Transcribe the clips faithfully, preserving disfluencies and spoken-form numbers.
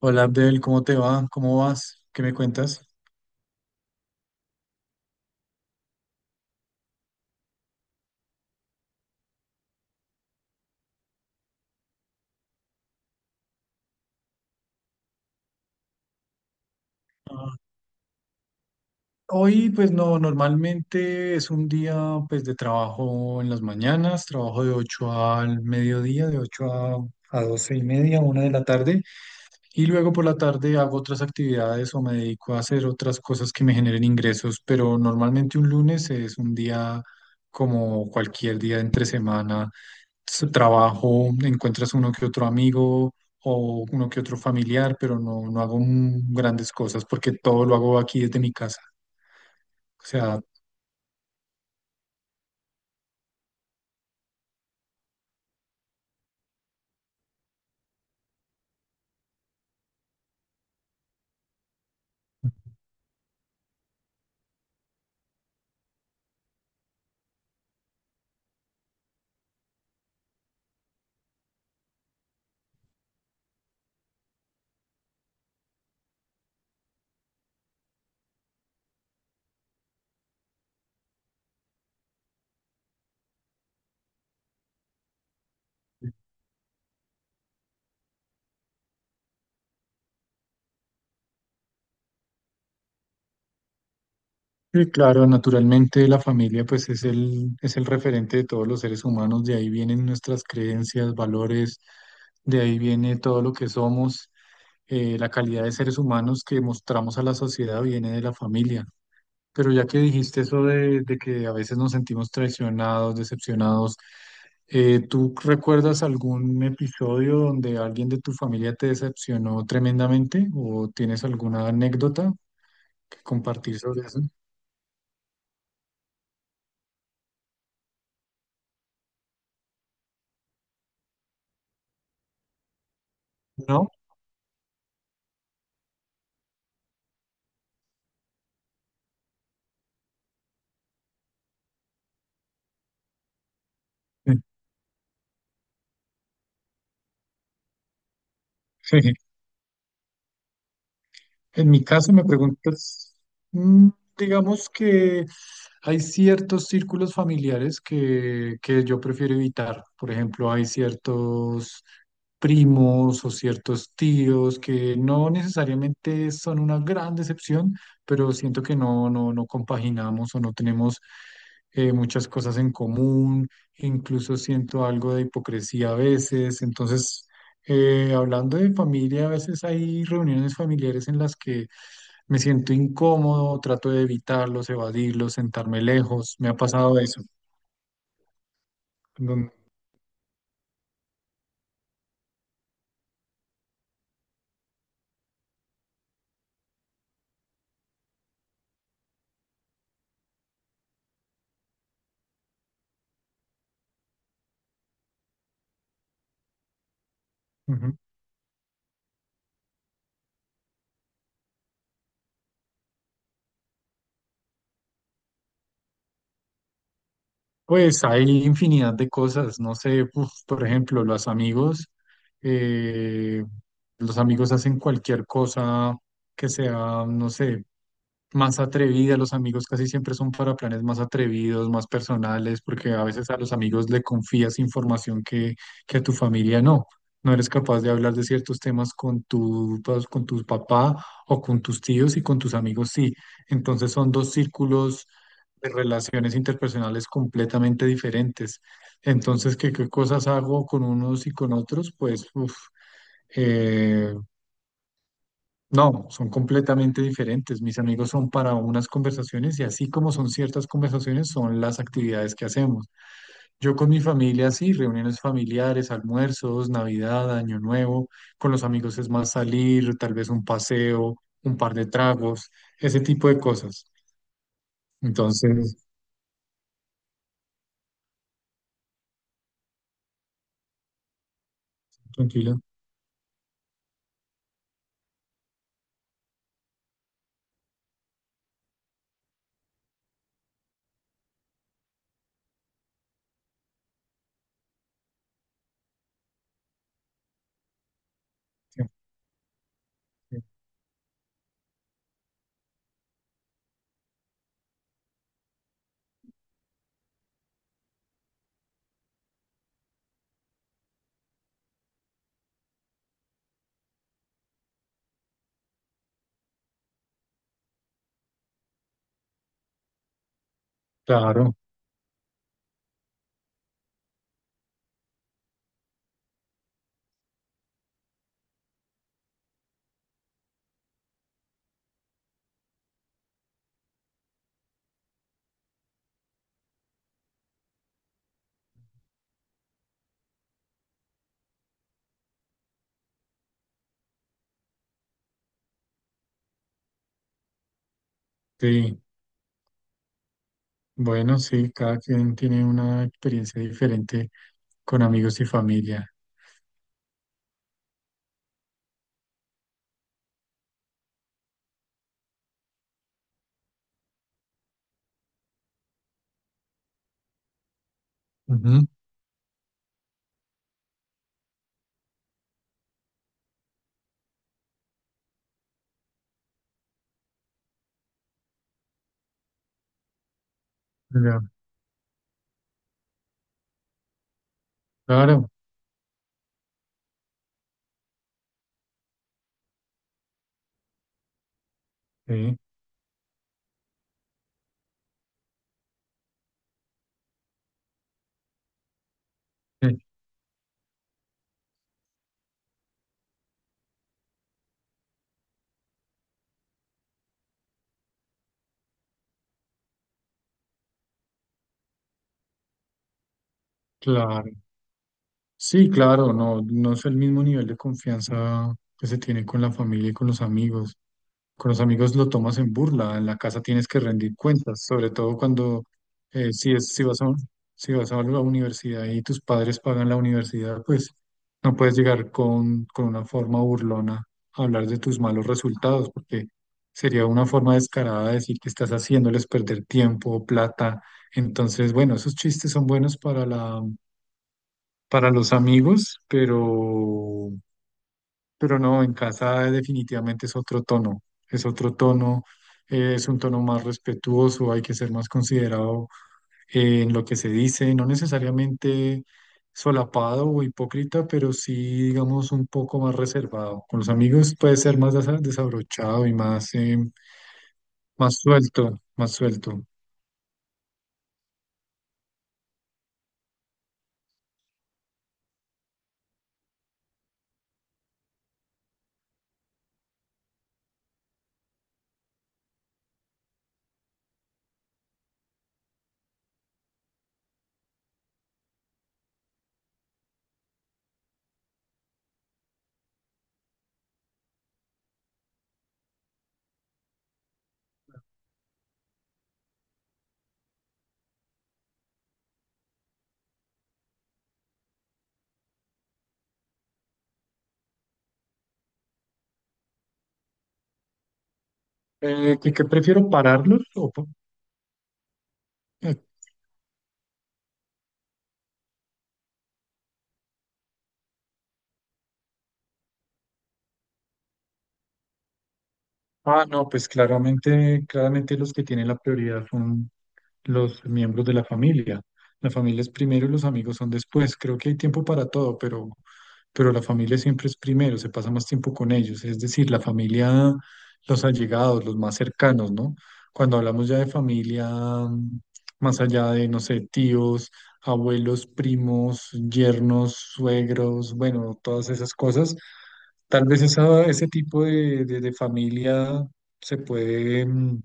Hola Abdel, ¿cómo te va? ¿Cómo vas? ¿Qué me cuentas? Hoy, pues no, normalmente es un día pues de trabajo en las mañanas. Trabajo de ocho al mediodía, de ocho a, a doce y media, una de la tarde. Y luego por la tarde hago otras actividades o me dedico a hacer otras cosas que me generen ingresos, pero normalmente un lunes es un día como cualquier día entre semana. S- Trabajo, encuentras uno que otro amigo o uno que otro familiar, pero no, no hago mm, grandes cosas porque todo lo hago aquí desde mi casa. O sea. Sí, claro, naturalmente la familia pues es el, es el referente de todos los seres humanos. De ahí vienen nuestras creencias, valores, de ahí viene todo lo que somos, eh, la calidad de seres humanos que mostramos a la sociedad viene de la familia. Pero ya que dijiste eso de, de que a veces nos sentimos traicionados, decepcionados, eh, ¿tú recuerdas algún episodio donde alguien de tu familia te decepcionó tremendamente o tienes alguna anécdota que compartir sobre eso? ¿No? En mi caso me preguntas, mm, digamos que hay ciertos círculos familiares que, que yo prefiero evitar. Por ejemplo, hay ciertos primos o ciertos tíos que no necesariamente son una gran decepción, pero siento que no, no, no compaginamos o no tenemos eh, muchas cosas en común. Incluso siento algo de hipocresía a veces. Entonces, eh, hablando de familia, a veces hay reuniones familiares en las que me siento incómodo, trato de evitarlos, evadirlos, sentarme lejos. Me ha pasado eso. Don- Ujú. Pues hay infinidad de cosas, no sé, uf, por ejemplo, los amigos, eh, los amigos hacen cualquier cosa que sea, no sé, más atrevida. Los amigos casi siempre son para planes más atrevidos, más personales, porque a veces a los amigos le confías información que, que a tu familia no. No eres capaz de hablar de ciertos temas con tu, pues, con tu papá o con tus tíos, y con tus amigos sí. Entonces son dos círculos de relaciones interpersonales completamente diferentes. Entonces, ¿qué, qué cosas hago con unos y con otros? Pues, uf, eh, no, son completamente diferentes. Mis amigos son para unas conversaciones, y así como son ciertas conversaciones, son las actividades que hacemos. Yo con mi familia, sí, reuniones familiares, almuerzos, Navidad, Año Nuevo. Con los amigos es más salir, tal vez un paseo, un par de tragos, ese tipo de cosas. Entonces, tranquilo. Sí, sí. Claro, sí. Bueno, sí, cada quien tiene una experiencia diferente con amigos y familia. Ujú. Ya. Claro, sí. Claro, sí, claro, no, no es el mismo nivel de confianza que se tiene con la familia y con los amigos. Con los amigos lo tomas en burla, en la casa tienes que rendir cuentas, sobre todo cuando eh, si es, si vas a, un- si vas a la universidad y tus padres pagan la universidad, pues no puedes llegar con, con una forma burlona a hablar de tus malos resultados, porque sería una forma descarada de decir que estás haciéndoles perder tiempo, plata. Entonces, bueno, esos chistes son buenos para la para los amigos, pero, pero no, en casa definitivamente es otro tono, es otro tono. Eh, es un tono más respetuoso, hay que ser más considerado eh, en lo que se dice, no necesariamente solapado o hipócrita, pero sí, digamos, un poco más reservado. Con los amigos puede ser más desa- desabrochado y más, eh, más suelto, más suelto. Eh, que, que prefiero pararlos o. Ah, no, pues claramente, claramente los que tienen la prioridad son los miembros de la familia. La familia es primero y los amigos son después. Creo que hay tiempo para todo, pero, pero la familia siempre es primero, se pasa más tiempo con ellos. Es decir, la familia, los allegados, los más cercanos, ¿no? Cuando hablamos ya de familia, mm, más allá de, no sé, tíos, abuelos, primos, yernos, suegros, bueno, todas esas cosas. Tal vez esa- ese tipo de, de- de familia se puede, mm,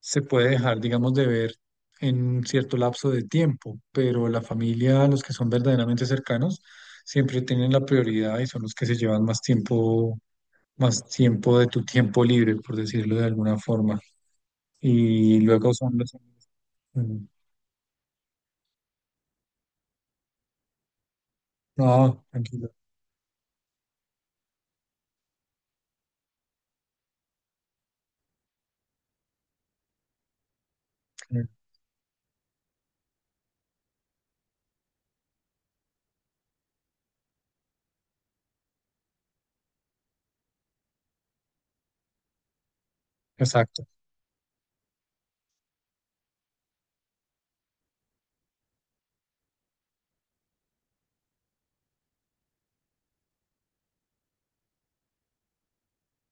se puede dejar, digamos, de ver en cierto lapso de tiempo, pero la familia, los que son verdaderamente cercanos, siempre tienen la prioridad y son los que se llevan más tiempo, más tiempo de tu tiempo libre, por decirlo de alguna forma. Y luego son los. Mm. No, tranquilo. eh, Exacto.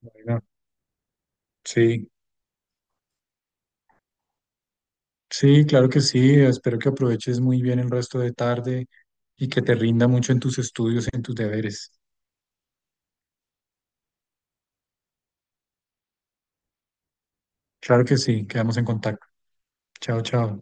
Bueno, sí. Sí, claro que sí. Espero que aproveches muy bien el resto de tarde y que te rinda mucho en tus estudios, en tus deberes. Claro que sí. Quedamos en contacto. Chao, chao.